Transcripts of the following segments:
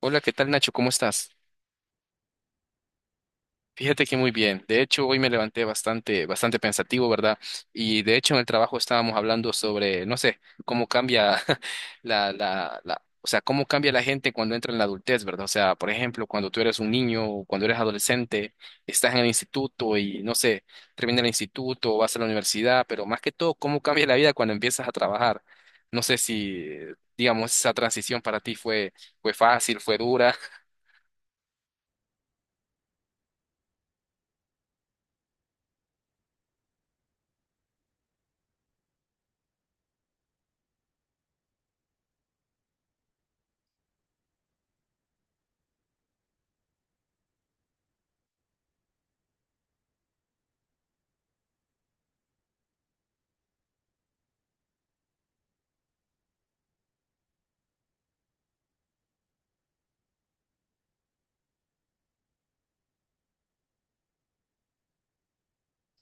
Hola, ¿qué tal, Nacho? ¿Cómo estás? Fíjate que muy bien. De hecho, hoy me levanté bastante, bastante pensativo, ¿verdad? Y de hecho en el trabajo estábamos hablando sobre, no sé, cómo cambia o sea, cómo cambia la gente cuando entra en la adultez, ¿verdad? O sea, por ejemplo, cuando tú eres un niño, o cuando eres adolescente, estás en el instituto y, no sé, termina el instituto, o vas a la universidad, pero más que todo, cómo cambia la vida cuando empiezas a trabajar. No sé si, digamos, esa transición para ti fue, fue fácil, fue dura.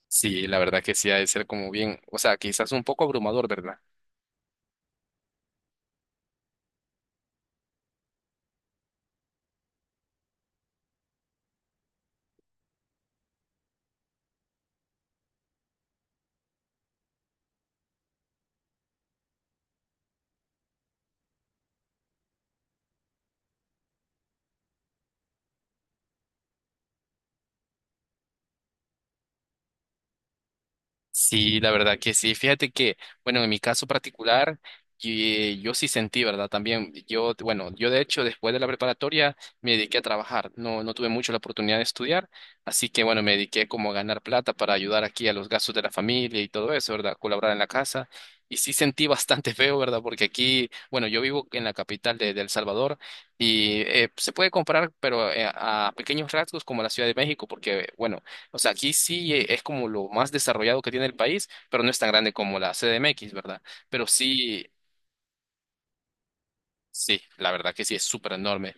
Sí, la verdad que sí ha de ser como bien, o sea, quizás un poco abrumador, ¿verdad? Sí, la verdad que sí. Fíjate que, bueno, en mi caso particular, yo, sí sentí, ¿verdad? También, yo, bueno, yo de hecho, después de la preparatoria, me dediqué a trabajar. No, no tuve mucho la oportunidad de estudiar, así que, bueno, me dediqué como a ganar plata para ayudar aquí a los gastos de la familia y todo eso, ¿verdad? Colaborar en la casa. Y sí sentí bastante feo, ¿verdad? Porque aquí, bueno, yo vivo en la capital de El Salvador y se puede comparar, pero a pequeños rasgos como la Ciudad de México, porque, bueno, o sea, aquí sí, es como lo más desarrollado que tiene el país, pero no es tan grande como la CDMX, ¿verdad? Pero sí. Sí, la verdad que sí, es súper enorme.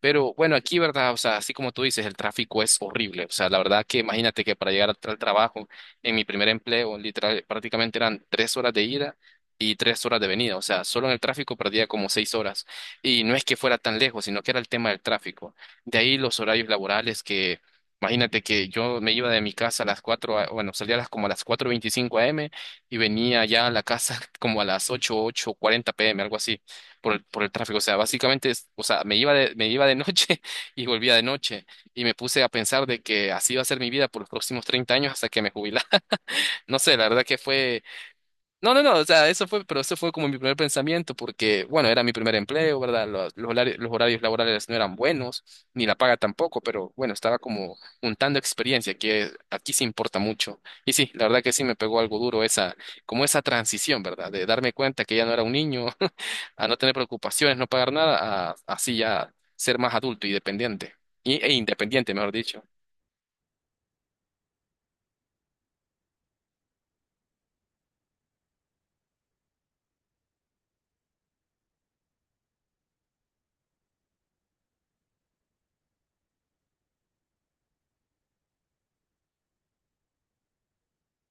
Pero bueno, aquí, ¿verdad? O sea, así como tú dices, el tráfico es horrible. O sea, la verdad que imagínate que para llegar al al trabajo, en mi primer empleo, literal, prácticamente eran 3 horas de ida y 3 horas de venida. O sea, solo en el tráfico perdía como 6 horas. Y no es que fuera tan lejos, sino que era el tema del tráfico. De ahí los horarios laborales que, imagínate que yo me iba de mi casa a las cuatro, bueno, salía a las, como a las 4:25 am, y venía ya a la casa como a las 8, 8:40 pm, algo así, por el tráfico. O sea, básicamente, o sea, me iba de noche y volvía de noche. Y me puse a pensar de que así iba a ser mi vida por los próximos 30 años hasta que me jubilara. No sé, la verdad que fue, no, no, no, o sea, eso fue, pero eso fue como mi primer pensamiento, porque, bueno, era mi primer empleo, ¿verdad? Los horarios laborales no eran buenos, ni la paga tampoco, pero bueno, estaba como juntando experiencia, que aquí se importa mucho. Y sí, la verdad que sí me pegó algo duro esa, como esa transición, ¿verdad? De darme cuenta que ya no era un niño, a no tener preocupaciones, no pagar nada, a así ya ser más adulto y dependiente, e independiente, mejor dicho.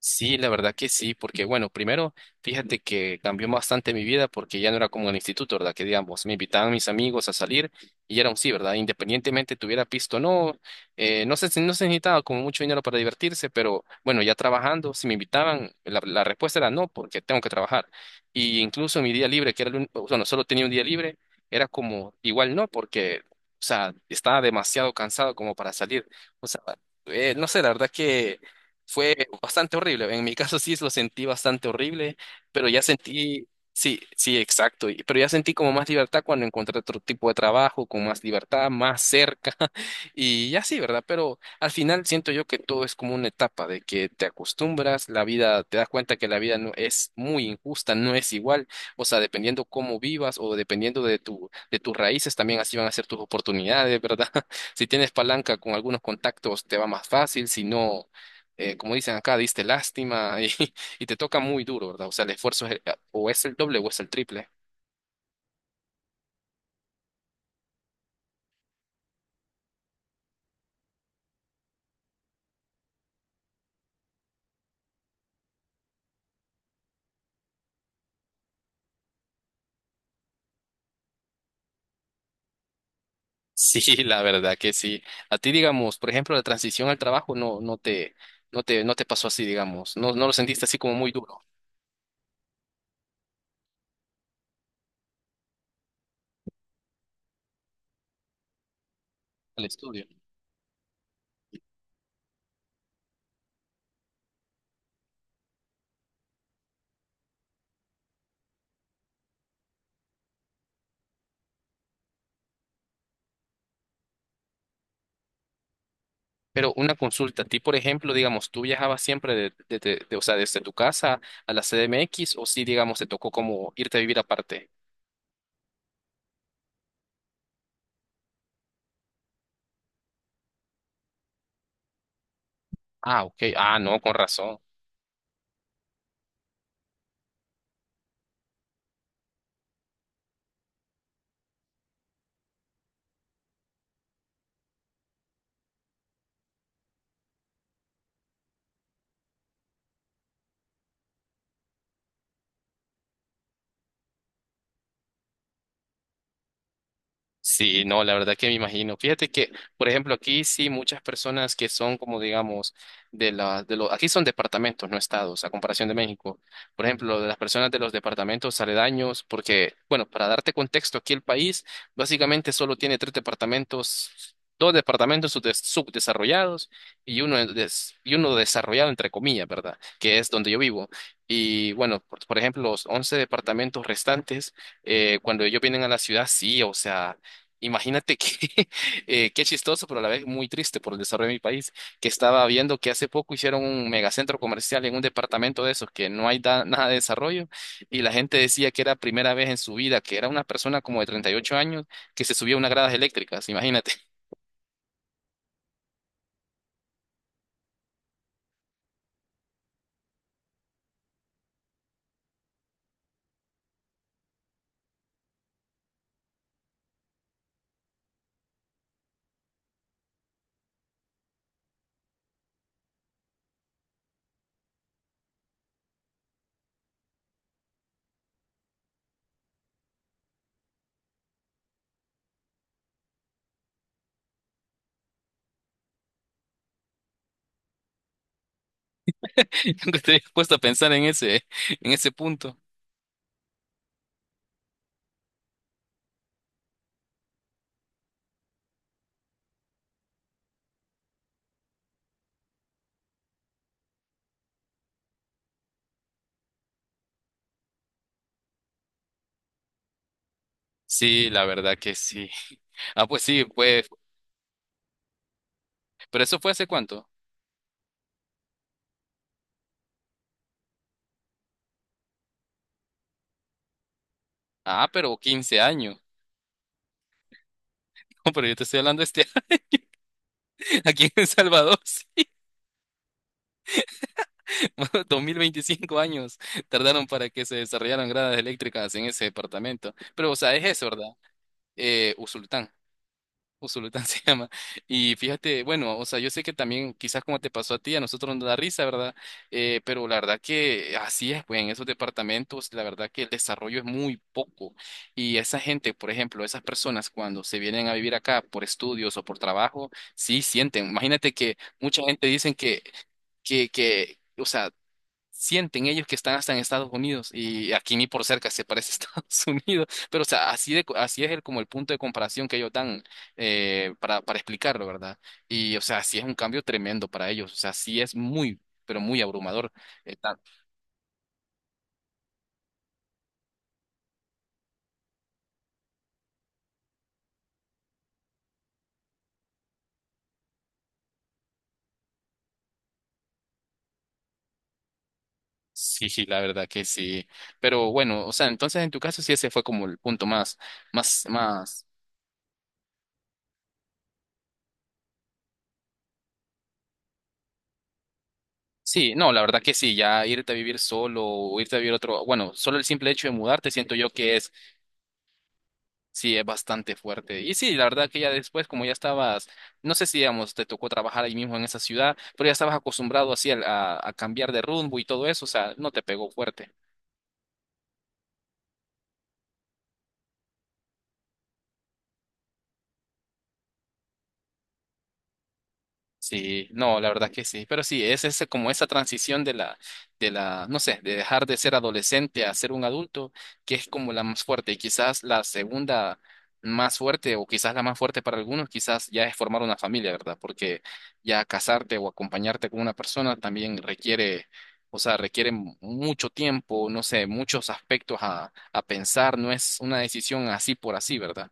Sí, la verdad que sí, porque bueno, primero, fíjate que cambió bastante mi vida porque ya no era como en el instituto, ¿verdad? Que digamos, me invitaban mis amigos a salir y era un sí, ¿verdad? Independientemente tuviera pisto o no, no se necesitaba como mucho dinero para divertirse, pero bueno, ya trabajando, si me invitaban, la respuesta era no, porque tengo que trabajar. Y incluso en mi día libre, que era el único, bueno, solo tenía un día libre, era como igual no, porque, o sea, estaba demasiado cansado como para salir. O sea, no sé, la verdad que... Fue bastante horrible. En mi caso sí lo sentí bastante horrible, pero ya sentí, sí, sí, exacto. Pero ya sentí como más libertad cuando encontré otro tipo de trabajo, con más libertad, más cerca. Y ya sí, ¿verdad? Pero al final siento yo que todo es como una etapa de que te acostumbras, la vida, te das cuenta que la vida no es muy injusta, no es igual. O sea, dependiendo cómo vivas o dependiendo de tu, de tus raíces, también así van a ser tus oportunidades, ¿verdad? Si tienes palanca con algunos contactos, te va más fácil, si no, como dicen acá, diste lástima y, y te toca muy duro, ¿verdad? O sea, el esfuerzo es, o es el doble o es el triple. Sí, la verdad que sí. A ti, digamos, por ejemplo, la transición al trabajo no, no te pasó así, digamos. No, no lo sentiste así como muy duro al estudio. Pero una consulta, a ti, por ejemplo, digamos, ¿tú viajabas siempre o sea, desde tu casa a la CDMX, o sí, digamos, te tocó como irte a vivir aparte? Ah, ok. Ah, no, con razón. Sí, no, la verdad que me imagino. Fíjate que, por ejemplo, aquí sí muchas personas que son como digamos de la de los aquí son departamentos, no estados, a comparación de México. Por ejemplo, de las personas de los departamentos aledaños, porque bueno, para darte contexto, aquí el país básicamente solo tiene tres departamentos, dos departamentos subdesarrollados y uno y uno desarrollado entre comillas, ¿verdad? Que es donde yo vivo. Y bueno, por ejemplo, los 11 departamentos restantes, cuando ellos vienen a la ciudad, sí, o sea, imagínate que qué chistoso, pero a la vez muy triste por el desarrollo de mi país, que estaba viendo que hace poco hicieron un megacentro comercial en un departamento de esos que no hay nada de desarrollo, y la gente decía que era primera vez en su vida, que era una persona como de 38 años que se subía a unas gradas eléctricas, imagínate. ¿Nunca te habías puesto a pensar en ese, en ese punto? Sí, la verdad que sí. Ah, pues sí, pues, ¿pero eso fue hace cuánto? Ah, pero 15 años. No, pero yo te estoy hablando este aquí en El Salvador. 2025 años tardaron para que se desarrollaran gradas eléctricas en ese departamento. Pero, o sea, es eso, ¿verdad? Usulután. Usulután se llama. Y fíjate, bueno, o sea, yo sé que también quizás como te pasó a ti, a nosotros nos da risa, ¿verdad? Pero la verdad que así es, pues en esos departamentos, la verdad que el desarrollo es muy poco. Y esa gente, por ejemplo, esas personas cuando se vienen a vivir acá por estudios o por trabajo, sí sienten. Imagínate que mucha gente dicen que, o sea, sienten ellos que están hasta en Estados Unidos, y aquí ni por cerca se parece a Estados Unidos, pero o sea, así de, así es el, como el punto de comparación que ellos dan, para explicarlo, ¿verdad? Y o sea, sí es un cambio tremendo para ellos, o sea, sí es muy, pero muy abrumador. eh, tan- sí, sí, la verdad que sí, pero bueno, o sea, entonces en tu caso sí ese fue como el punto más, más. Sí, no, la verdad que sí, ya irte a vivir solo o irte a vivir otro, bueno, solo el simple hecho de mudarte siento yo que es... Sí, es bastante fuerte. Y sí, la verdad que ya después, como ya estabas, no sé si, digamos, te tocó trabajar ahí mismo en esa ciudad, pero ya estabas acostumbrado así a cambiar de rumbo y todo eso, o sea, no te pegó fuerte. Sí, no, la verdad que sí, pero sí, es ese, como esa transición de la, no sé, de dejar de ser adolescente a ser un adulto, que es como la más fuerte, y quizás la segunda más fuerte, o quizás la más fuerte para algunos, quizás ya es formar una familia, ¿verdad? Porque ya casarte o acompañarte con una persona también requiere, o sea, requiere mucho tiempo, no sé, muchos aspectos a pensar, no es una decisión así por así, ¿verdad?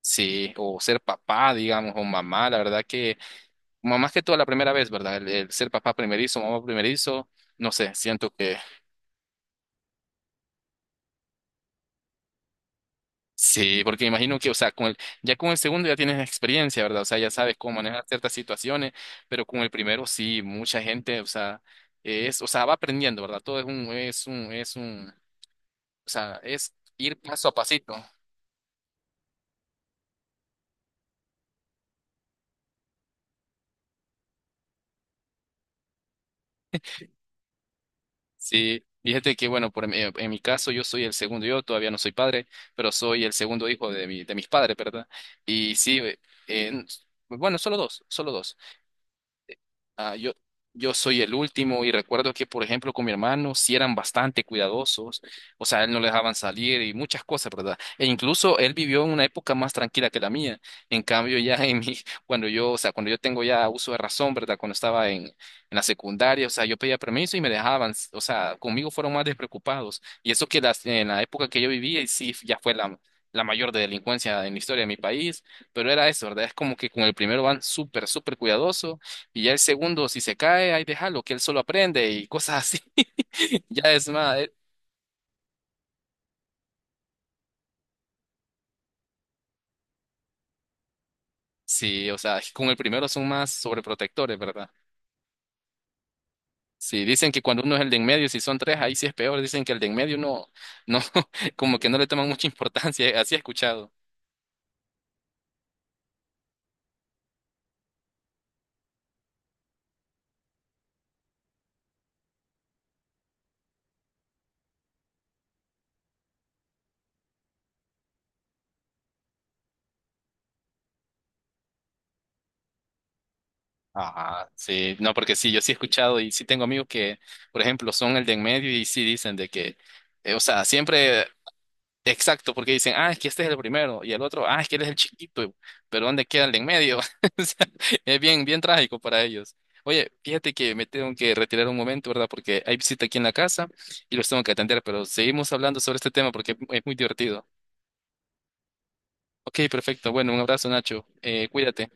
Sí, o ser papá, digamos, o mamá, la verdad que... como más que todo la primera vez, ¿verdad? El ser papá primerizo, mamá primerizo, no sé, siento que sí, porque imagino que, o sea, con el, ya con el segundo ya tienes experiencia, ¿verdad? O sea, ya sabes cómo manejar ciertas situaciones, pero con el primero sí, mucha gente, o sea, es, o sea, va aprendiendo, ¿verdad? Todo es un, o sea, es ir paso a pasito. Sí, fíjate que, bueno, por, en mi caso yo soy el segundo, yo todavía no soy padre, pero soy el segundo hijo de mi, de mis padres, ¿verdad? Y sí, eh, bueno, solo dos, solo dos. Ah, yo soy el último y recuerdo que, por ejemplo, con mi hermano sí eran bastante cuidadosos, o sea, él no le dejaban salir y muchas cosas, ¿verdad? E incluso él vivió en una época más tranquila que la mía. En cambio, ya en mi, cuando yo, o sea, cuando yo tengo ya uso de razón, ¿verdad? Cuando estaba en la secundaria, o sea, yo pedía permiso y me dejaban, o sea, conmigo fueron más despreocupados. Y eso que las, en la época que yo vivía, y sí, ya fue la... la mayor de delincuencia en la historia de mi país, pero era eso, ¿verdad? Es como que con el primero van súper, súper cuidadosos y ya el segundo, si se cae, ahí déjalo, que él solo aprende y cosas así. Ya es más, sí, o sea, con el primero son más sobreprotectores, ¿verdad? Sí, dicen que cuando uno es el de en medio, si son tres, ahí sí es peor. Dicen que el de en medio no, no, como que no le toman mucha importancia, así he escuchado. Ajá, sí, no, porque sí, yo sí he escuchado y sí tengo amigos que, por ejemplo, son el de en medio y sí dicen de que, o sea, siempre... Exacto, porque dicen, ah, es que este es el primero, y el otro, ah, es que él es el chiquito, pero ¿dónde queda el de en medio? O sea, es bien, bien trágico para ellos. Oye, fíjate que me tengo que retirar un momento, ¿verdad? Porque hay visita aquí en la casa y los tengo que atender, pero seguimos hablando sobre este tema porque es muy divertido. Ok, perfecto. Bueno, un abrazo, Nacho. Cuídate.